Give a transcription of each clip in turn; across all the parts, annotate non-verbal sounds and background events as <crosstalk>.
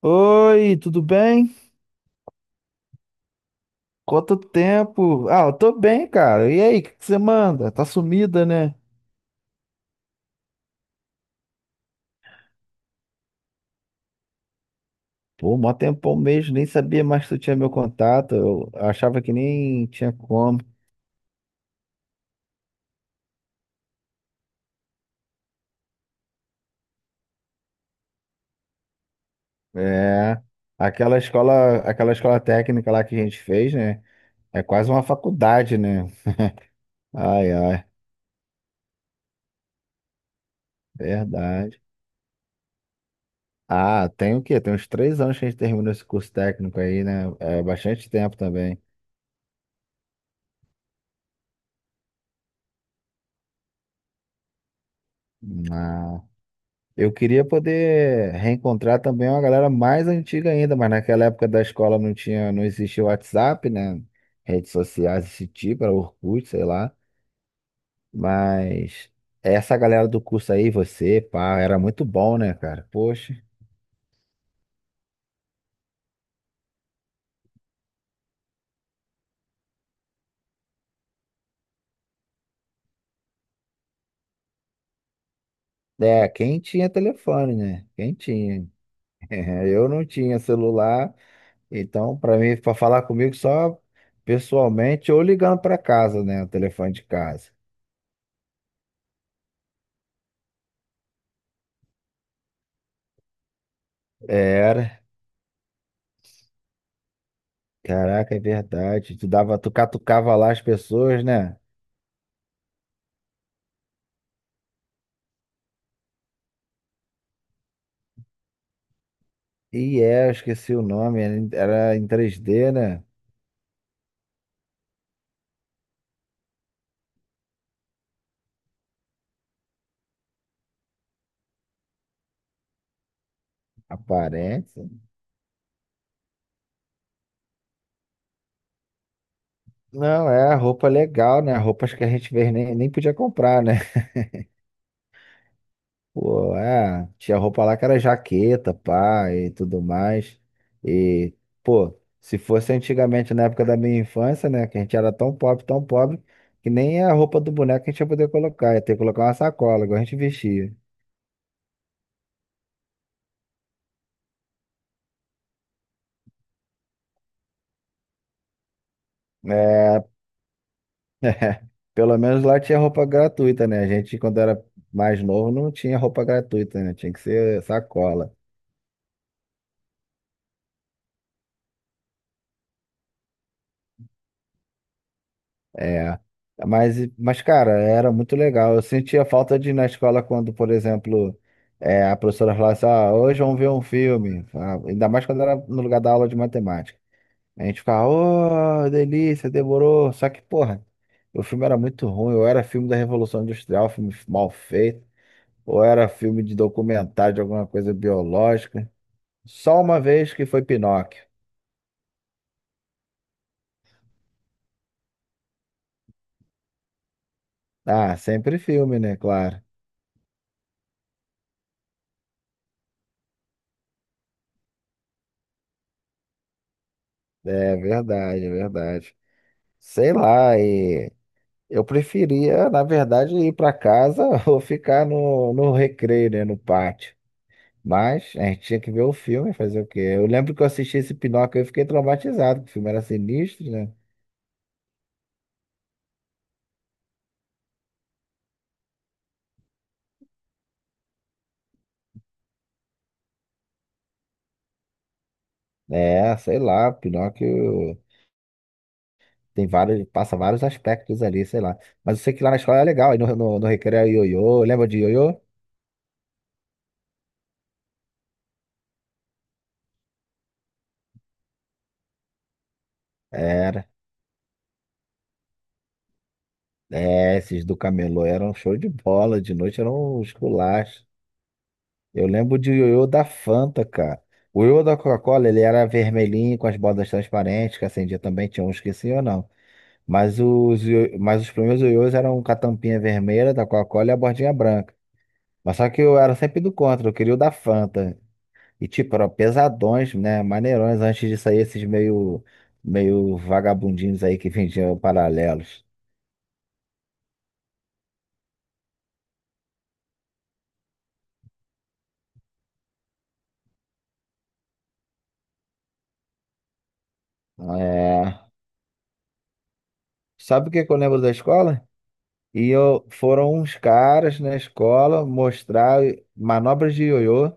Oi, tudo bem? Quanto tempo? Ah, eu tô bem, cara. E aí, o que que você manda? Tá sumida, né? Pô, mó tempão mesmo, nem sabia mais que tu tinha meu contato. Eu achava que nem tinha como. É. Aquela escola técnica lá que a gente fez, né? É quase uma faculdade, né? Ai, ai, verdade. Ah, tem o quê? Tem uns 3 anos que a gente terminou esse curso técnico aí, né? É bastante tempo também. Ah. Eu queria poder reencontrar também uma galera mais antiga ainda, mas naquela época da escola não tinha, não existia o WhatsApp, né? Redes sociais desse tipo, era Orkut, sei lá. Mas essa galera do curso aí, você, pá, era muito bom, né, cara? Poxa. É, quem tinha telefone, né? Quem tinha. <laughs> Eu não tinha celular, então para mim, para falar comigo só pessoalmente ou ligando para casa, né? O telefone de casa. Era. Caraca, é verdade. Tu dava, tu catucava lá as pessoas, né? E eu esqueci o nome, era em 3D, né? Aparência. Não, é roupa legal, né? Roupas que a gente vê, nem podia comprar, né? <laughs> Pô, é, tinha roupa lá que era jaqueta, pá, e tudo mais. E, pô, se fosse antigamente, na época da minha infância, né? Que a gente era tão pobre, que nem a roupa do boneco a gente ia poder colocar. Ia ter que colocar uma sacola, igual a gente vestia. É, <laughs> é, pelo menos lá tinha roupa gratuita, né? A gente, quando era mais novo, não tinha roupa gratuita, né? Tinha que ser sacola. É. Mas, cara, era muito legal. Eu sentia falta de ir na escola quando, por exemplo, a professora falasse, ah, hoje vamos ver um filme. Ah, ainda mais quando era no lugar da aula de matemática. A gente ficava, oh, delícia, demorou. Só que, porra, o filme era muito ruim. Ou era filme da Revolução Industrial, filme mal feito. Ou era filme de documentário de alguma coisa biológica. Só uma vez que foi Pinóquio. Ah, sempre filme, né? Claro. É verdade, é verdade. Sei lá, e eu preferia, na verdade, ir para casa <laughs> ou ficar no recreio, né? No pátio. Mas a gente tinha que ver o filme, fazer o quê? Eu lembro que eu assisti esse Pinóquio e fiquei traumatizado, porque o filme era sinistro, né? É, sei lá, Pinóquio tem vários, passa vários aspectos ali, sei lá. Mas eu sei que lá na escola é legal, aí no recreio é ioiô, lembra de ioiô? Era. É, esses do Camelô eram show de bola, de noite eram os culaches. Eu lembro de ioiô da Fanta, cara. O ioiô da Coca-Cola, ele era vermelhinho, com as bordas transparentes, que acendia também, tinha uns que sim ou não. Mas os primeiros ioiôs eram com a tampinha vermelha da Coca-Cola e a bordinha branca. Mas só que eu era sempre do contra, eu queria o da Fanta. E tipo, eram pesadões, né? Maneirões, antes de sair esses meio vagabundinhos aí que vendiam paralelos. É... Sabe o que que eu lembro da escola? Foram uns caras na escola mostrar manobras de ioiô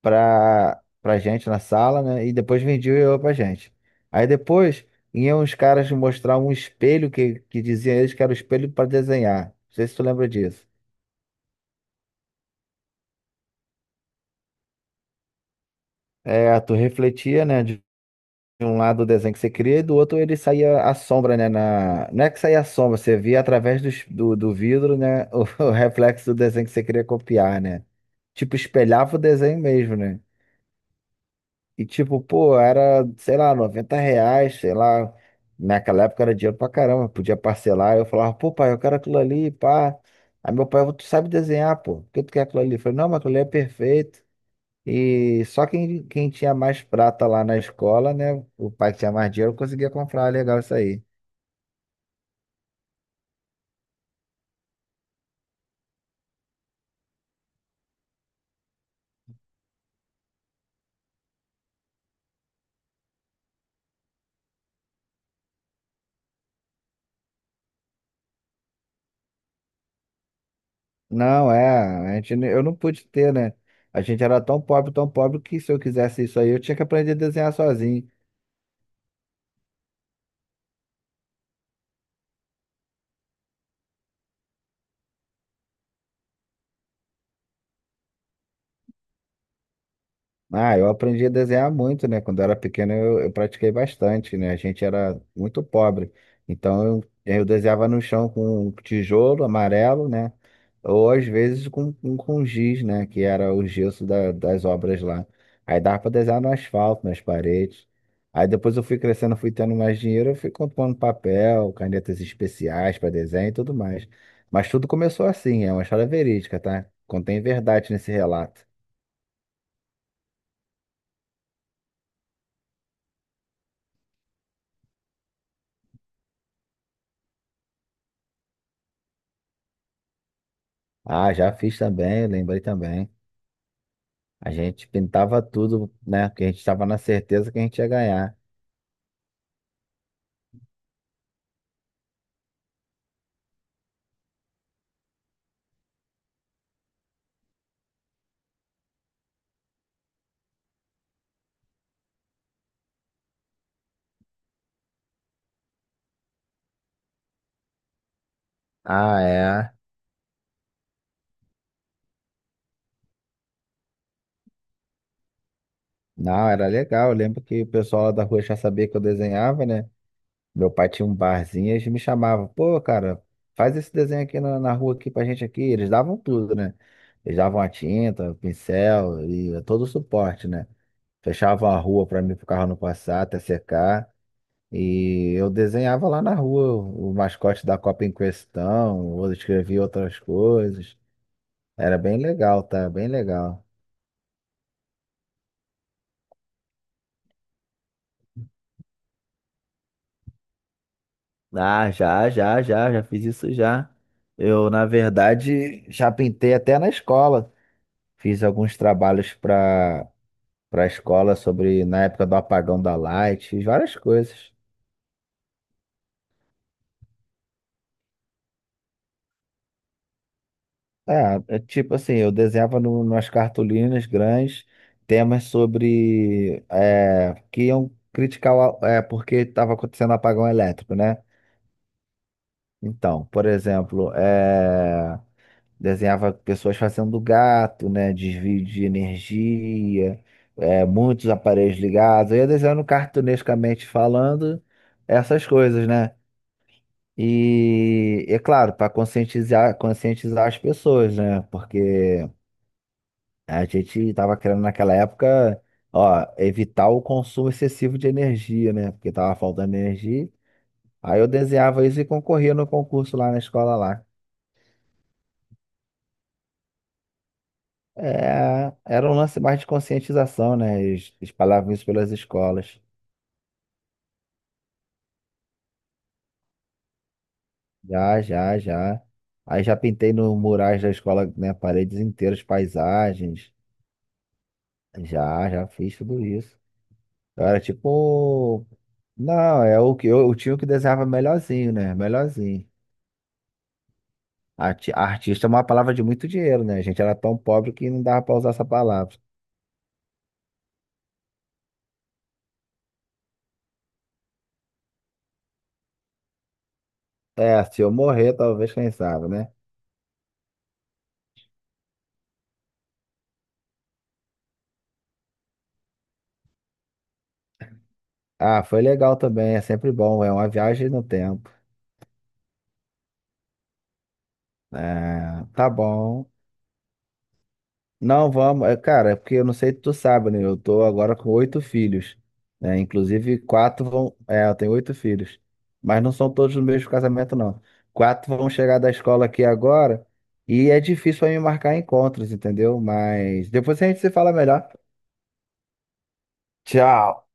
pra gente na sala, né? E depois vendia o ioiô pra gente. Aí depois iam os caras mostrar um espelho que diziam eles que era o espelho para desenhar. Não sei se tu lembra disso. É, tu refletia, né? De um lado o desenho que você queria e do outro ele saía a sombra, né? Não é que saía a sombra, você via através do vidro, né? <laughs> O reflexo do desenho que você queria copiar, né? Tipo, espelhava o desenho mesmo, né? E tipo, pô, era, sei lá, R$ 90, sei lá. Naquela época era dinheiro pra caramba, podia parcelar. Eu falava, pô, pai, eu quero aquilo ali, pá. Aí meu pai, tu sabe desenhar, pô, por que tu quer aquilo ali? Eu falei, não, mas aquilo ali é perfeito. E só quem tinha mais prata lá na escola, né? O pai que tinha mais dinheiro conseguia comprar, legal isso aí. Não, eu não pude ter, né? A gente era tão pobre, que se eu quisesse isso aí, eu tinha que aprender a desenhar sozinho. Ah, eu aprendi a desenhar muito, né? Quando eu era pequeno, eu pratiquei bastante, né? A gente era muito pobre. Então, eu desenhava no chão com um tijolo amarelo, né? Ou às vezes com giz, né? Que era o gesso das obras lá. Aí dava para desenhar no asfalto, nas paredes. Aí depois eu fui crescendo, fui tendo mais dinheiro, eu fui comprando papel, canetas especiais para desenho e tudo mais. Mas tudo começou assim, é uma história verídica, tá? Contém verdade nesse relato. Ah, já fiz também, lembrei também. A gente pintava tudo, né? Porque a gente estava na certeza que a gente ia ganhar. Ah, é. Não, era legal. Eu lembro que o pessoal lá da rua já sabia que eu desenhava, né? Meu pai tinha um barzinho e eles me chamavam. Pô, cara, faz esse desenho aqui na rua aqui pra gente aqui. Eles davam tudo, né? Eles davam a tinta, o pincel e todo o suporte, né? Fechavam a rua pra mim, pro carro não passar, até secar. E eu desenhava lá na rua o mascote da Copa em questão, eu escrevia outras coisas. Era bem legal, tá? Bem legal. Ah, já, já, já, já fiz isso já. Eu, na verdade, já pintei até na escola. Fiz alguns trabalhos para a escola sobre na época do apagão da Light, fiz várias coisas. É, tipo assim, eu desenhava no, nas cartolinas grandes temas sobre que iam criticar porque estava acontecendo um apagão elétrico, né? Então, por exemplo, desenhava pessoas fazendo gato, né? Desvio de energia, muitos aparelhos ligados. Eu ia desenhando cartunescamente falando essas coisas, né? E é claro, para conscientizar, conscientizar as pessoas, né? Porque a gente estava querendo naquela época, ó, evitar o consumo excessivo de energia, né? Porque tava faltando energia. Aí eu desenhava isso e concorria no concurso lá na escola lá. É, era um lance mais de conscientização, né? Eles espalhavam isso pelas escolas. Já, já, já. Aí já pintei no murais da escola, né? Paredes inteiras, paisagens. Já, já fiz tudo isso. Eu era tipo. Não, é o que eu tinha o que desenhava melhorzinho, né? Melhorzinho. Artista é uma palavra de muito dinheiro, né? A gente era tão pobre que não dava pra usar essa palavra. É, se eu morrer, talvez, quem sabe, né? Ah, foi legal também, é sempre bom, é uma viagem no tempo. É, tá bom. Não, vamos, cara, é porque eu não sei se tu sabe, né? Eu tô agora com oito filhos, né? Inclusive, quatro vão. É, eu tenho oito filhos, mas não são todos no mesmo casamento, não. Quatro vão chegar da escola aqui agora e é difícil pra mim marcar encontros, entendeu? Mas depois a gente se fala melhor. Tchau.